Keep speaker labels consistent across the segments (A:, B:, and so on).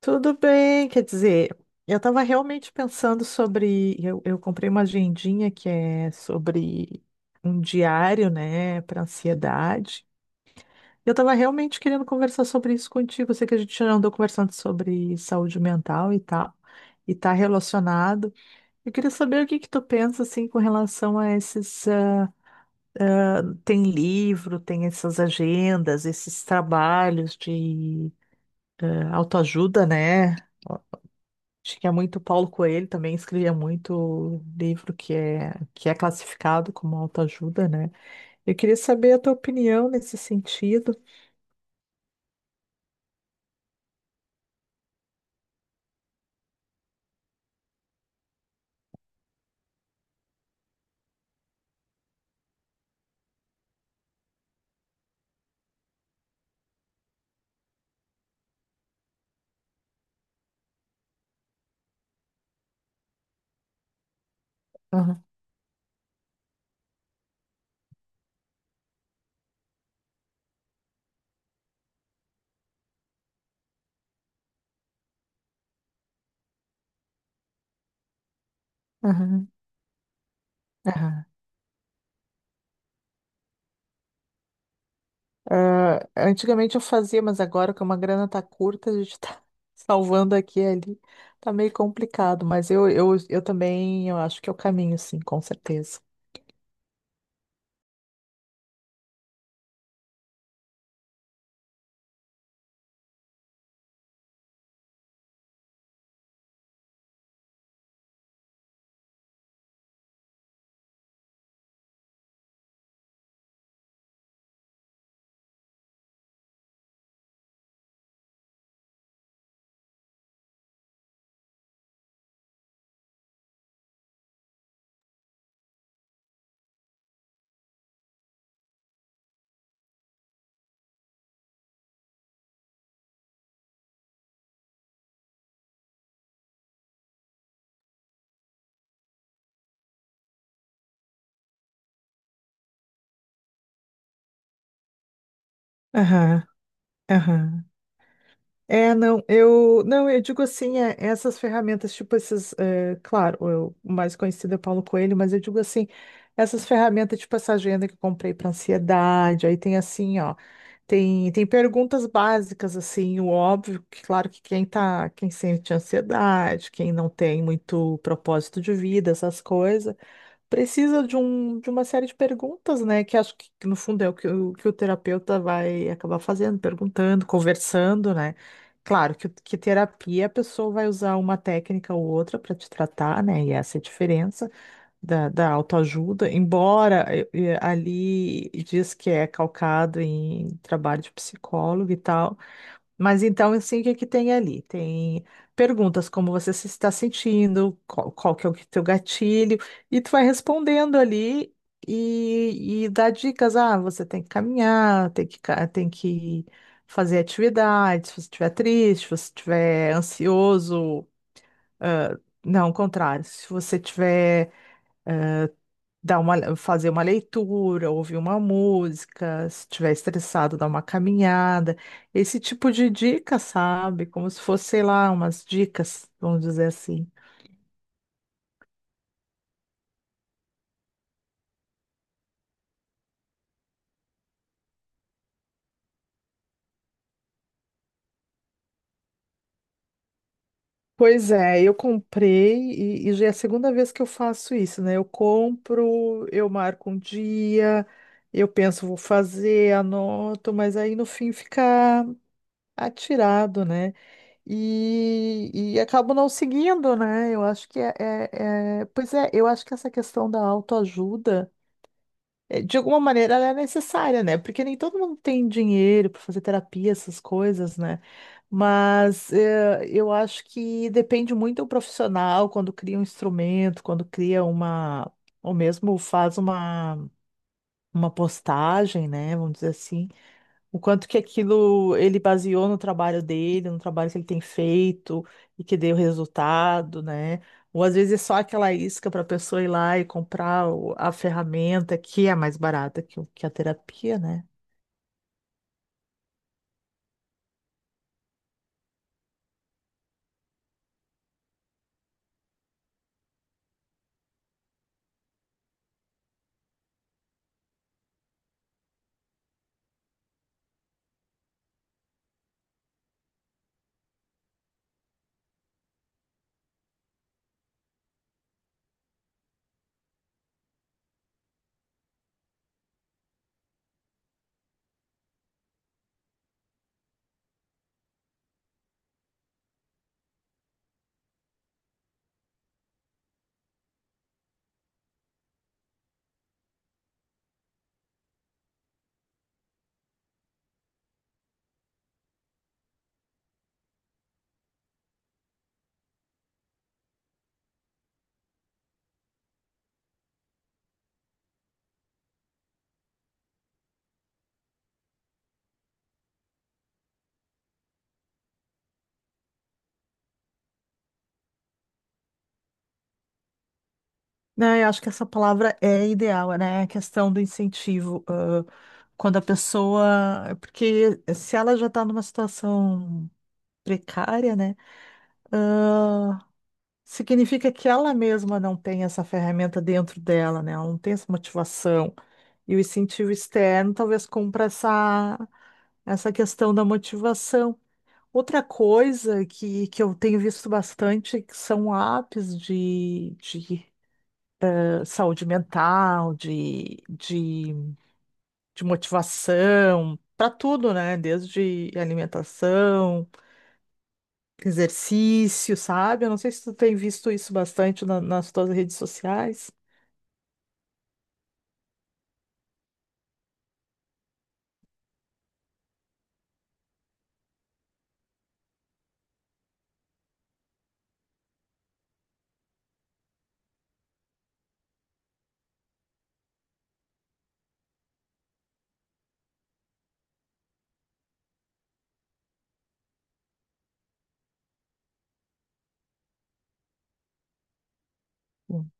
A: Tudo bem, quer dizer, eu estava realmente pensando sobre. Eu comprei uma agendinha que é sobre um diário, né, para ansiedade. Eu estava realmente querendo conversar sobre isso contigo. Eu sei que a gente já andou conversando sobre saúde mental e tal, e está relacionado. Eu queria saber o que que tu pensa assim com relação a esses. Ah, tem livro, tem essas agendas, esses trabalhos de autoajuda, né? Acho que é muito Paulo Coelho também escrevia muito livro que é classificado como autoajuda, né? Eu queria saber a tua opinião nesse sentido. Aham, aham, aham. Ah, antigamente eu fazia, mas agora que uma grana tá curta, a gente tá salvando aqui e ali. Tá meio complicado, mas eu também eu acho que é o caminho, sim, com certeza. Aham, aham. É, não, eu não, eu digo assim, é, essas ferramentas, tipo esses, é, claro, o mais conhecido é Paulo Coelho, mas eu digo assim, essas ferramentas, tipo essa agenda que eu comprei para ansiedade, aí tem assim, ó, tem perguntas básicas, assim, o óbvio, que claro que quem tá, quem sente ansiedade, quem não tem muito propósito de vida, essas coisas precisa de, de uma série de perguntas, né? Que acho que no fundo é o que o terapeuta vai acabar fazendo, perguntando, conversando, né? Claro que terapia a pessoa vai usar uma técnica ou outra para te tratar, né? E essa é a diferença da autoajuda, embora ali diz que é calcado em trabalho de psicólogo e tal. Mas então, assim, o que é que tem ali? Tem perguntas como você se está sentindo, qual que é teu gatilho, e tu vai respondendo ali e dá dicas. Ah, você tem que caminhar, tem que fazer atividades, se você estiver triste, se você estiver ansioso, ah, não, ao contrário, se você estiver fazer uma leitura, ouvir uma música, se estiver estressado, dar uma caminhada, esse tipo de dica, sabe? Como se fosse, sei lá, umas dicas, vamos dizer assim. Pois é, eu comprei e já é a segunda vez que eu faço isso, né? Eu compro, eu marco um dia, eu penso, vou fazer, anoto, mas aí no fim fica atirado, né? E acabo não seguindo, né? Eu acho que. Pois é, eu acho que essa questão da autoajuda, é, de alguma maneira, ela é necessária, né? Porque nem todo mundo tem dinheiro para fazer terapia, essas coisas, né? Mas é, eu acho que depende muito do profissional quando cria um instrumento, quando cria uma. Ou mesmo faz uma postagem, né? Vamos dizer assim. O quanto que aquilo ele baseou no trabalho dele, no trabalho que ele tem feito e que deu resultado, né? Ou às vezes é só aquela isca para a pessoa ir lá e comprar a ferramenta que é mais barata que, que a terapia, né? Né, eu acho que essa palavra é ideal, né? A questão do incentivo. Quando a pessoa. Porque se ela já está numa situação precária, né? Significa que ela mesma não tem essa ferramenta dentro dela, né? Ela não tem essa motivação. E o incentivo externo talvez compra essa questão da motivação. Outra coisa que eu tenho visto bastante que são apps de saúde mental, de motivação, para tudo, né? Desde alimentação, exercício, sabe? Eu não sei se tu tem visto isso bastante nas tuas redes sociais. Hum.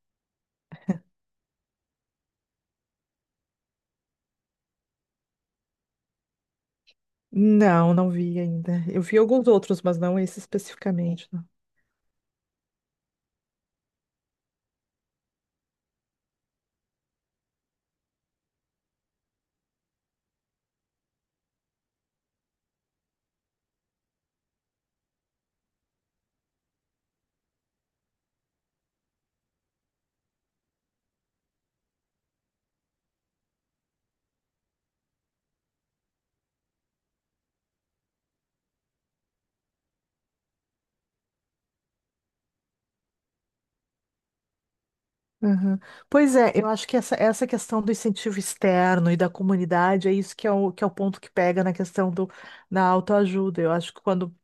A: Não, não vi ainda. Eu vi alguns outros, mas não esse especificamente. Não. Aham. Pois é, eu acho que essa questão do incentivo externo e da comunidade é isso que é o ponto que pega na questão do, da autoajuda. Eu acho que quando,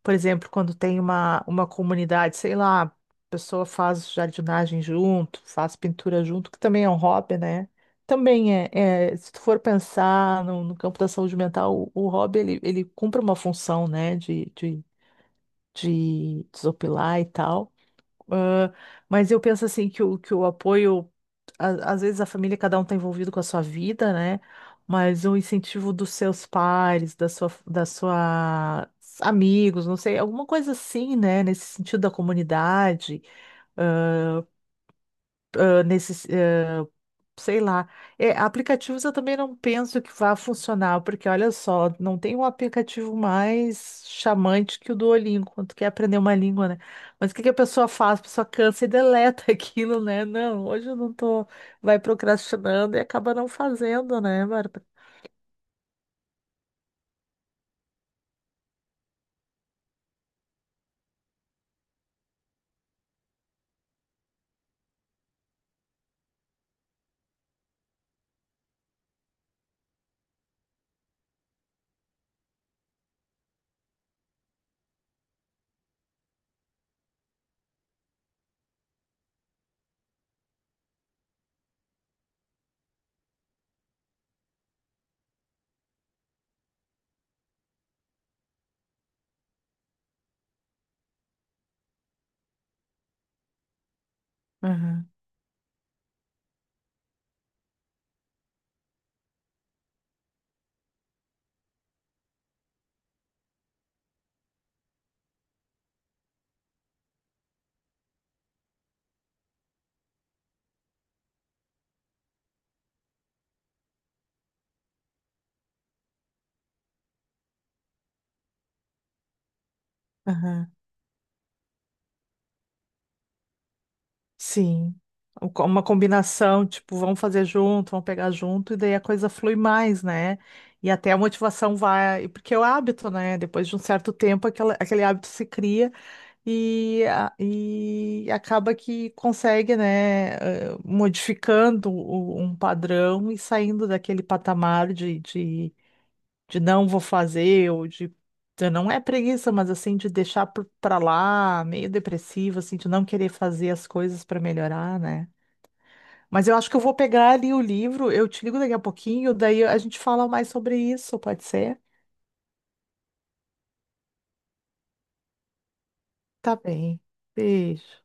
A: por exemplo, quando tem uma comunidade, sei lá, a pessoa faz jardinagem junto, faz pintura junto, que também é um hobby, né? Também é, se tu for pensar no campo da saúde mental, o hobby ele cumpre uma função, né, de de desopilar e tal. Ah, mas eu penso assim que o apoio, às vezes a família, cada um está envolvido com a sua vida, né? Mas o incentivo dos seus pares, da sua amigos, não sei, alguma coisa assim, né? Nesse sentido da comunidade, ah, nesse, sei lá. É, aplicativos eu também não penso que vá funcionar, porque olha só, não tem um aplicativo mais chamante que o Duolingo, quando tu quer aprender uma língua, né? Mas o que que a pessoa faz? A pessoa cansa e deleta aquilo, né? Não, hoje eu não tô, vai procrastinando e acaba não fazendo, né, Bárbara? Aham, aham. Sim. Uma combinação, tipo, vamos fazer junto, vamos pegar junto, e daí a coisa flui mais, né? E até a motivação vai, porque é o hábito, né? Depois de um certo tempo, aquela, aquele hábito se cria e acaba que consegue, né, modificando um padrão e saindo daquele patamar de não vou fazer, ou de não é preguiça, mas assim, de deixar pra lá, meio depressivo, assim, de não querer fazer as coisas pra melhorar, né? Mas eu acho que eu vou pegar ali o livro, eu te ligo daqui a pouquinho, daí a gente fala mais sobre isso, pode ser? Tá bem. Beijo.